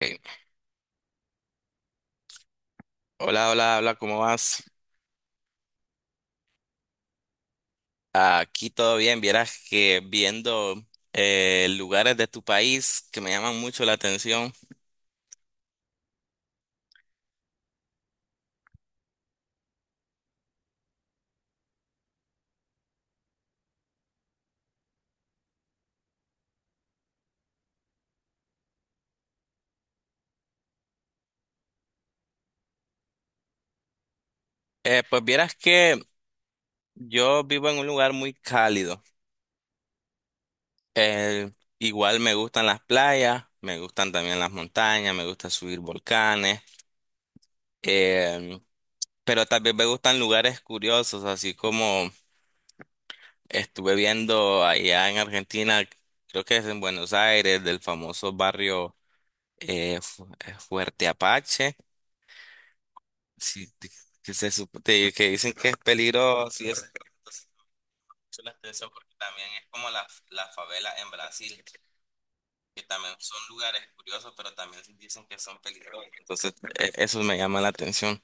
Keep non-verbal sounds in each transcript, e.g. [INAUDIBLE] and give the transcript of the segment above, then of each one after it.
Eh, Hola, hola, hola, ¿cómo vas? Aquí todo bien, vieras que viendo lugares de tu país que me llaman mucho la atención. Pues vieras que yo vivo en un lugar muy cálido. Eh, igual me gustan las playas, me gustan también las montañas, me gusta subir volcanes. Eh, Pero también me gustan lugares curiosos, así como estuve viendo allá en Argentina, creo que es en Buenos Aires, del famoso barrio Fuerte Apache, sí, t- que, se, sup- te- que dicen que es peligroso y eso. Entonces, mucho la atención porque también es como la favela en Brasil, que también son lugares curiosos, pero también dicen que son peligrosos. Entonces, eso me llama la atención.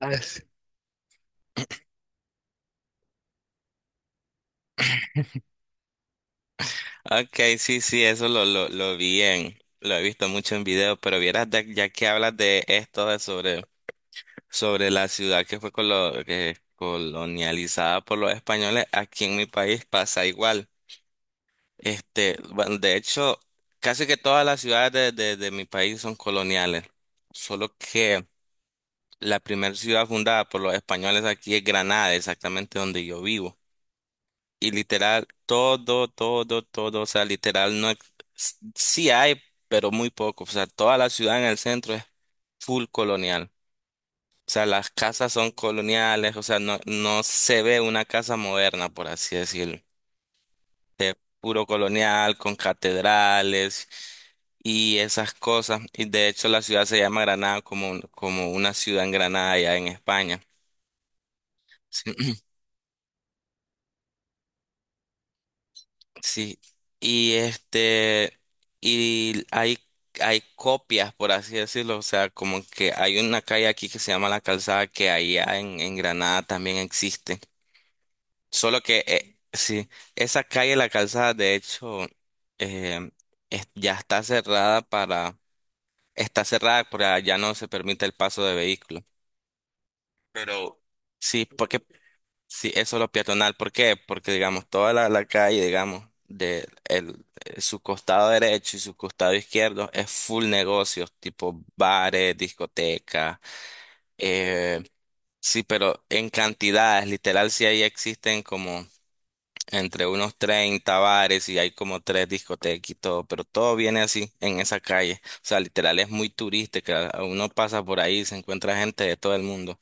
Ujú. Okay, sí, sí, eso lo vi en, lo he visto mucho en video, pero vieras, de- ya que hablas de esto, sobre la ciudad que fue colo- que colonializada por los españoles, aquí en mi país pasa igual. Este, bueno, de hecho, casi que todas las ciudades de mi país son coloniales, solo que la primera ciudad fundada por los españoles aquí es Granada, exactamente donde yo vivo. Y literal, todo, todo, todo, o sea, literal, no, sí hay, pero muy poco, o sea, toda la ciudad en el centro es full colonial, o sea, las casas son coloniales, o sea, no, no se ve una casa moderna, por así decirlo, es puro colonial, con catedrales y esas cosas, y de hecho la ciudad se llama Granada como, como una ciudad en Granada allá en España. Sí. [CLEARS THROAT] Sí, y este, y hay, hay copias, por así decirlo, o sea, como que hay una calle aquí que se llama La Calzada, que allá en Granada también existe. Solo que, sí, esa calle La Calzada, de hecho, eh, ya está está cerrada, para ya no se permite el paso de vehículos. Pero sí, porque Sí, eso es lo peatonal. ¿Por qué? Porque, digamos, toda la calle, digamos, de el, su costado derecho y su costado izquierdo es full negocios, tipo bares, discotecas. eh, sí, pero en cantidades, literal, sí ahí existen como entre unos 30 bares y hay como tres discotecas y todo, pero todo viene así en esa calle. O sea, literal, es muy turística. Uno pasa por ahí y se encuentra gente de todo el mundo.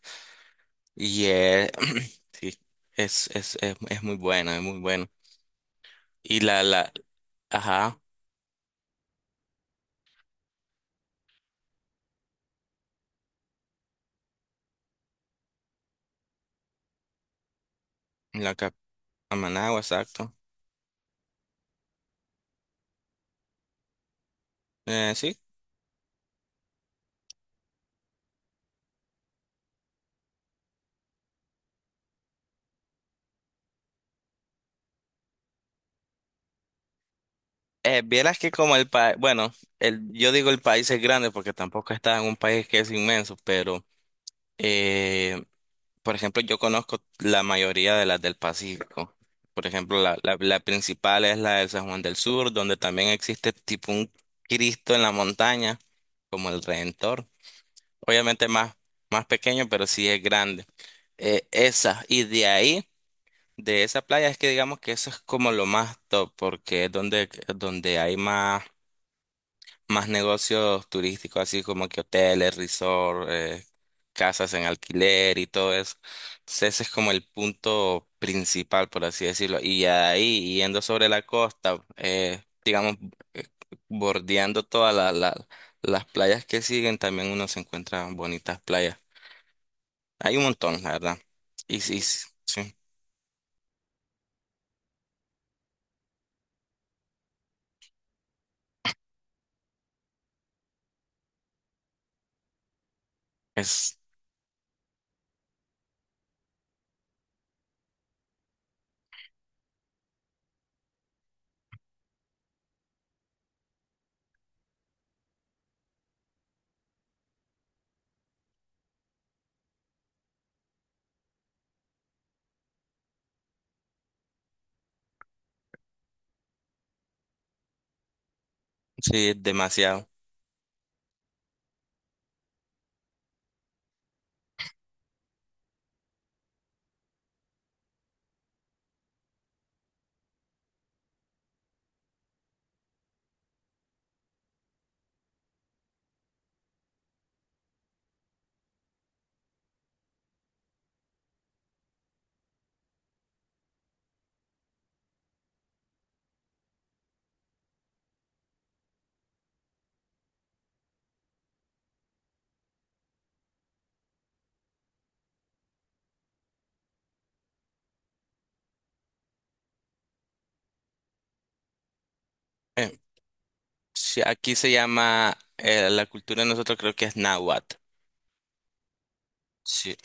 Y [CLEARS THROAT] sí, es muy bueno, es muy bueno. Y la, ajá, la cap- a Managua, exacto. Sí. Vieras que como el país, bueno, yo digo el país es grande porque tampoco está en un país que es inmenso, pero, eh, por ejemplo, yo conozco la mayoría de las del Pacífico. Por ejemplo, la principal es la de San Juan del Sur, donde también existe tipo un Cristo en la montaña, como el Redentor. obviamente más, más pequeño, pero sí es grande. Y de ahí, de esa playa, es que digamos que eso es como lo más top, porque es donde, donde hay más, más negocios turísticos, así como que hoteles, resort, casas en alquiler y todo eso. Entonces ese es como el punto principal, por así decirlo. Y ya de ahí, yendo sobre la costa, digamos, eh, bordeando todas las playas que siguen, también uno se encuentra bonitas playas. Hay un montón, la verdad. Y sí, sí, es, sí, es demasiado. Eh, sí, aquí se llama, la cultura de nosotros creo que es náhuatl. Sí.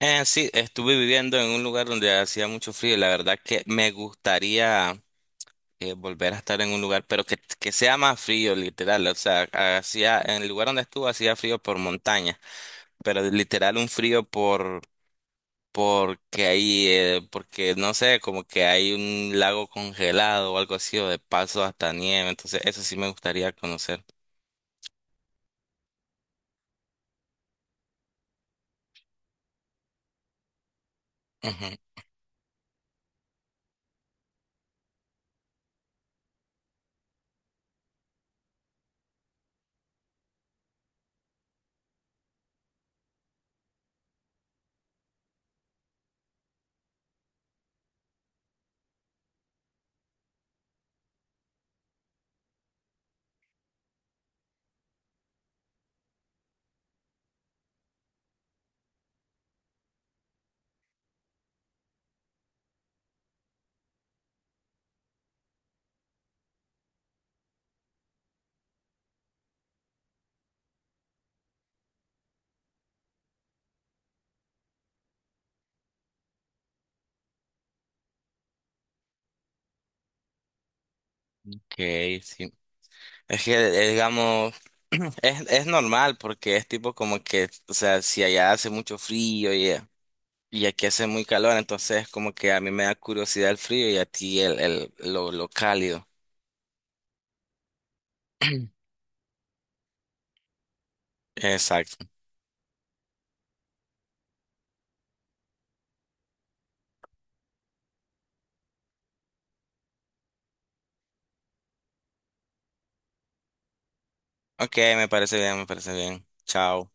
Sí, estuve viviendo en un lugar donde hacía mucho frío y la verdad que me gustaría volver a estar en un lugar, pero que sea más frío, literal. O sea, hacía, en el lugar donde estuve hacía frío por montaña, pero literal un frío porque ahí, porque no sé, como que hay un lago congelado o algo así, o de paso hasta nieve, entonces eso sí me gustaría conocer. Ujú. Ok, sí. Es que, digamos, [CLEARS THROAT] es normal porque es tipo como que, o sea, si allá hace mucho frío y aquí hace muy calor, entonces como que a mí me da curiosidad el frío y a ti lo cálido. Exacto. Ok, me parece bien, me parece bien. Chao.